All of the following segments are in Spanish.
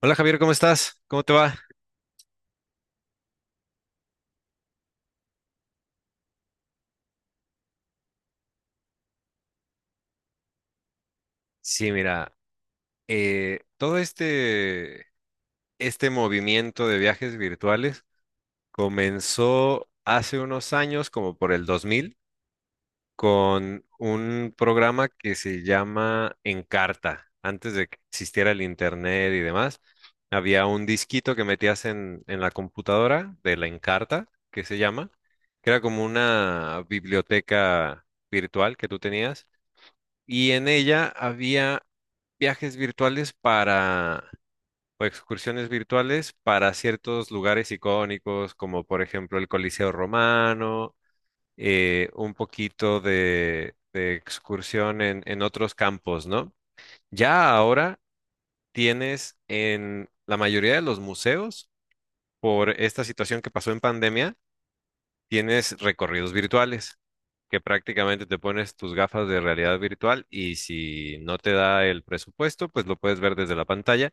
Hola Javier, ¿cómo estás? ¿Cómo te va? Sí, mira, eh, todo este, este movimiento de viajes virtuales comenzó hace unos años, como por el 2000, con un programa que se llama Encarta. Antes de que existiera el internet y demás, había un disquito que metías en la computadora de la Encarta, que se llama, que era como una biblioteca virtual que tú tenías y en ella había viajes virtuales para, o excursiones virtuales para ciertos lugares icónicos, como por ejemplo el Coliseo Romano, un poquito de excursión en otros campos, ¿no? Ya ahora tienes en la mayoría de los museos, por esta situación que pasó en pandemia, tienes recorridos virtuales, que prácticamente te pones tus gafas de realidad virtual, y si no te da el presupuesto, pues lo puedes ver desde la pantalla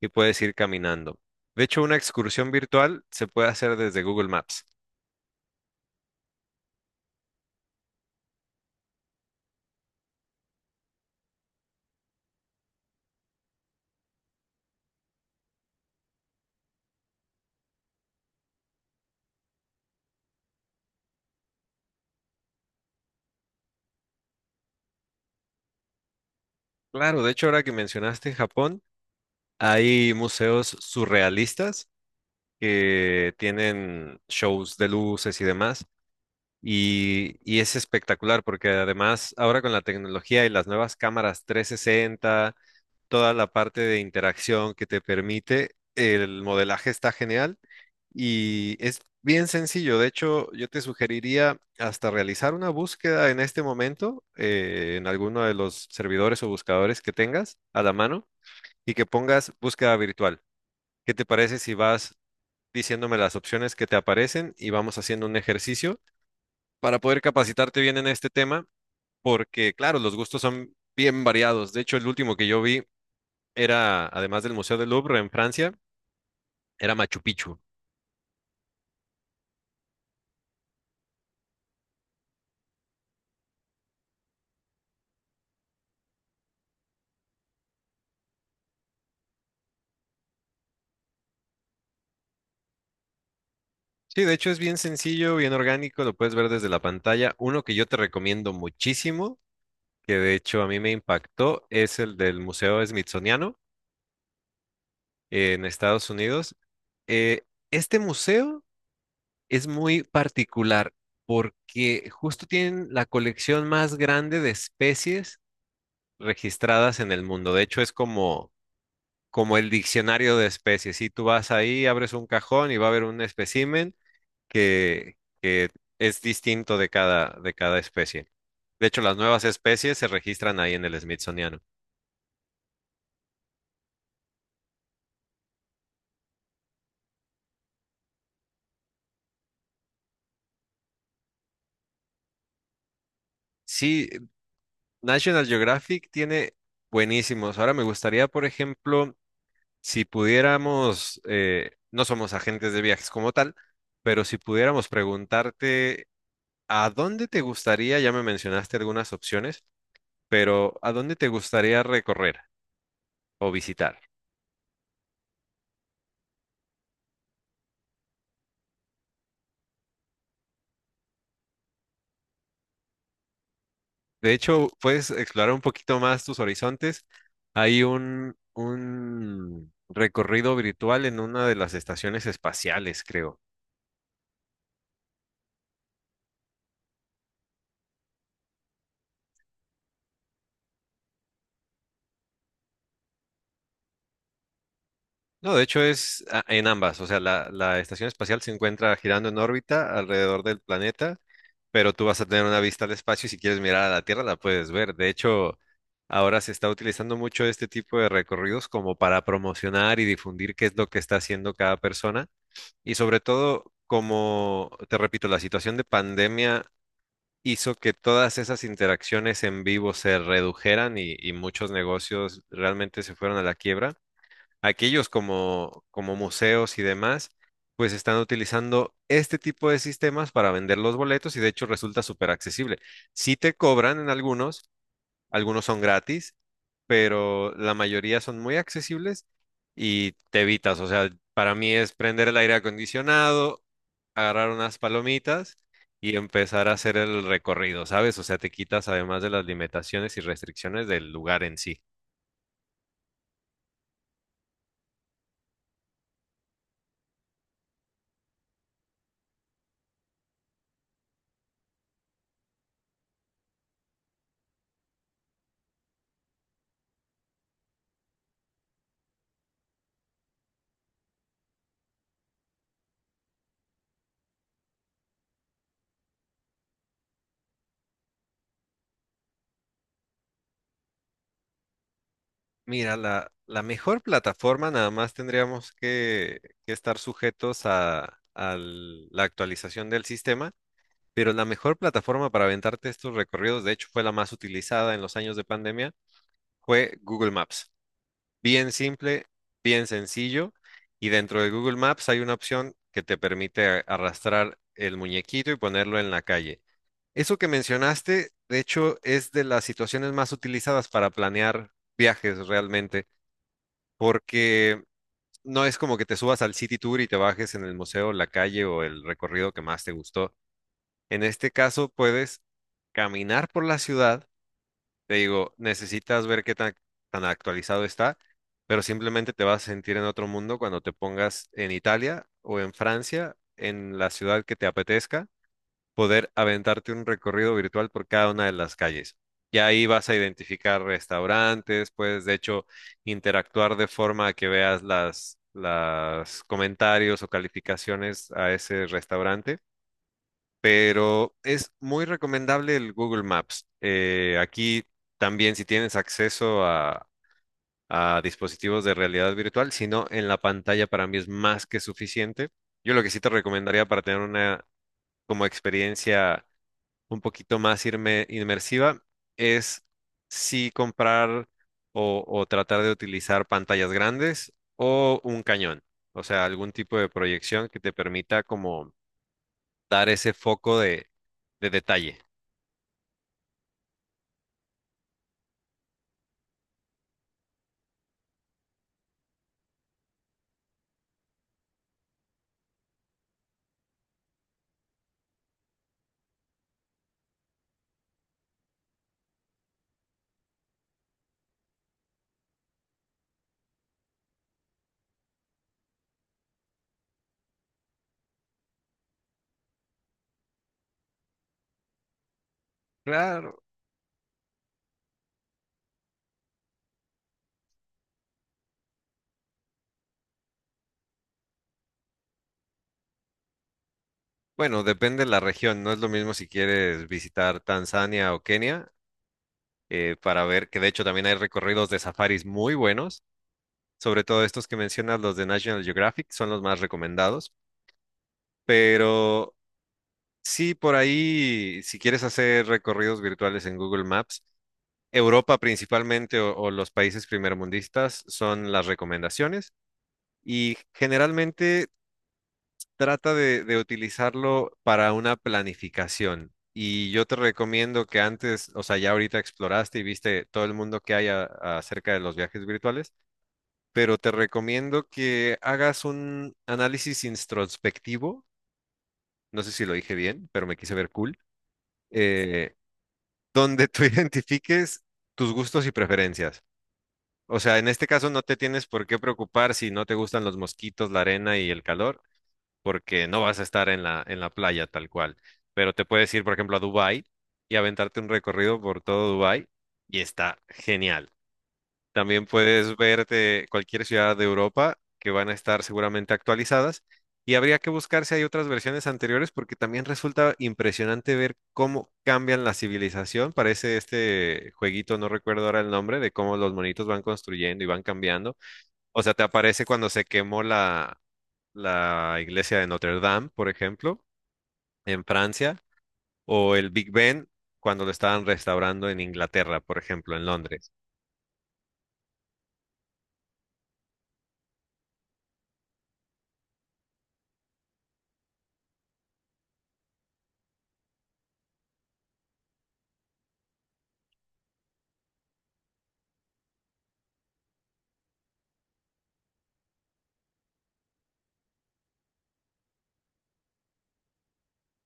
y puedes ir caminando. De hecho, una excursión virtual se puede hacer desde Google Maps. Claro, de hecho, ahora que mencionaste Japón, hay museos surrealistas que tienen shows de luces y demás. Y es espectacular porque además ahora con la tecnología y las nuevas cámaras 360, toda la parte de interacción que te permite. El modelaje está genial y es bien sencillo. De hecho, yo te sugeriría hasta realizar una búsqueda en este momento, en alguno de los servidores o buscadores que tengas a la mano y que pongas búsqueda virtual. ¿Qué te parece si vas diciéndome las opciones que te aparecen y vamos haciendo un ejercicio para poder capacitarte bien en este tema? Porque, claro, los gustos son bien variados. De hecho, el último que yo vi era, además del Museo del Louvre en Francia, era Machu Picchu. Sí, de hecho es bien sencillo, bien orgánico, lo puedes ver desde la pantalla. Uno que yo te recomiendo muchísimo, que de hecho a mí me impactó, es el del Museo Smithsoniano en Estados Unidos. Eh, este museo es muy particular porque justo tienen la colección más grande de especies registradas en el mundo. De hecho, es como, como el diccionario de especies. Si tú vas ahí, abres un cajón y va a haber un espécimen que, que es distinto de cada especie. De hecho, las nuevas especies se registran ahí en el Smithsoniano. Sí, National Geographic tiene buenísimos. Ahora me gustaría, por ejemplo, si pudiéramos, no somos agentes de viajes como tal, pero si pudiéramos preguntarte, ¿a dónde te gustaría? Ya me mencionaste algunas opciones, pero ¿a dónde te gustaría recorrer o visitar? De hecho, puedes explorar un poquito más tus horizontes. Hay un recorrido virtual en una de las estaciones espaciales, creo. No, de hecho es en ambas. O sea, la estación espacial se encuentra girando en órbita alrededor del planeta, pero tú vas a tener una vista al espacio y si quieres mirar a la Tierra la puedes ver. De hecho, ahora se está utilizando mucho este tipo de recorridos como para promocionar y difundir qué es lo que está haciendo cada persona. Y sobre todo, como te repito, la situación de pandemia hizo que todas esas interacciones en vivo se redujeran y muchos negocios realmente se fueron a la quiebra. Aquellos como, como museos y demás, pues están utilizando este tipo de sistemas para vender los boletos y de hecho resulta súper accesible. Sí te cobran en algunos, algunos son gratis, pero la mayoría son muy accesibles y te evitas. O sea, para mí es prender el aire acondicionado, agarrar unas palomitas y empezar a hacer el recorrido, ¿sabes? O sea, te quitas además de las limitaciones y restricciones del lugar en sí. Mira, la mejor plataforma nada más tendríamos que estar sujetos a la actualización del sistema, pero la mejor plataforma para aventarte estos recorridos, de hecho fue la más utilizada en los años de pandemia, fue Google Maps. Bien simple, bien sencillo. Y dentro de Google Maps hay una opción que te permite arrastrar el muñequito y ponerlo en la calle. Eso que mencionaste, de hecho, es de las situaciones más utilizadas para planear viajes realmente, porque no es como que te subas al City Tour y te bajes en el museo, la calle o el recorrido que más te gustó. En este caso, puedes caminar por la ciudad. Te digo, necesitas ver qué tan actualizado está, pero simplemente te vas a sentir en otro mundo cuando te pongas en Italia o en Francia, en la ciudad que te apetezca, poder aventarte un recorrido virtual por cada una de las calles. Y ahí vas a identificar restaurantes, puedes de hecho interactuar de forma que veas las comentarios o calificaciones a ese restaurante, pero es muy recomendable el Google Maps. Aquí también si tienes acceso a dispositivos de realidad virtual, si no, en la pantalla para mí es más que suficiente. Yo lo que sí te recomendaría para tener una como experiencia un poquito más inmersiva es sí comprar o tratar de utilizar pantallas grandes o un cañón, o sea, algún tipo de proyección que te permita como dar ese foco de detalle. Claro. Bueno, depende de la región. No es lo mismo si quieres visitar Tanzania o Kenia, para ver que de hecho también hay recorridos de safaris muy buenos. Sobre todo estos que mencionas, los de National Geographic, son los más recomendados. Pero sí, por ahí, si quieres hacer recorridos virtuales en Google Maps, Europa principalmente o los países primermundistas son las recomendaciones. Y generalmente trata de utilizarlo para una planificación. Y yo te recomiendo que antes, o sea, ya ahorita exploraste y viste todo el mundo que hay acerca de los viajes virtuales, pero te recomiendo que hagas un análisis introspectivo, no sé si lo dije bien, pero me quise ver cool, eh, donde tú identifiques tus gustos y preferencias. O sea, en este caso no te tienes por qué preocupar si no te gustan los mosquitos, la arena y el calor, porque no vas a estar en la playa tal cual. Pero te puedes ir, por ejemplo, a Dubái y aventarte un recorrido por todo Dubái y está genial. También puedes verte cualquier ciudad de Europa que van a estar seguramente actualizadas, y habría que buscar si hay otras versiones anteriores porque también resulta impresionante ver cómo cambian la civilización. Parece este jueguito, no recuerdo ahora el nombre, de cómo los monitos van construyendo y van cambiando. O sea, te aparece cuando se quemó la iglesia de Notre Dame, por ejemplo, en Francia, o el Big Ben cuando lo estaban restaurando en Inglaterra, por ejemplo, en Londres.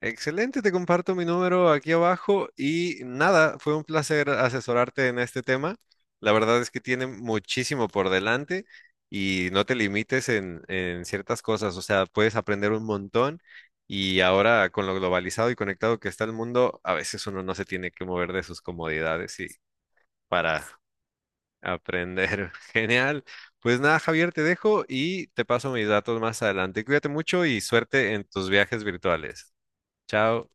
Excelente, te comparto mi número aquí abajo y nada, fue un placer asesorarte en este tema. La verdad es que tiene muchísimo por delante y no te limites en ciertas cosas, o sea, puedes aprender un montón. Y ahora con lo globalizado y conectado que está el mundo, a veces uno no se tiene que mover de sus comodidades y para aprender. Genial. Pues nada, Javier, te dejo y te paso mis datos más adelante. Cuídate mucho y suerte en tus viajes virtuales. Chao.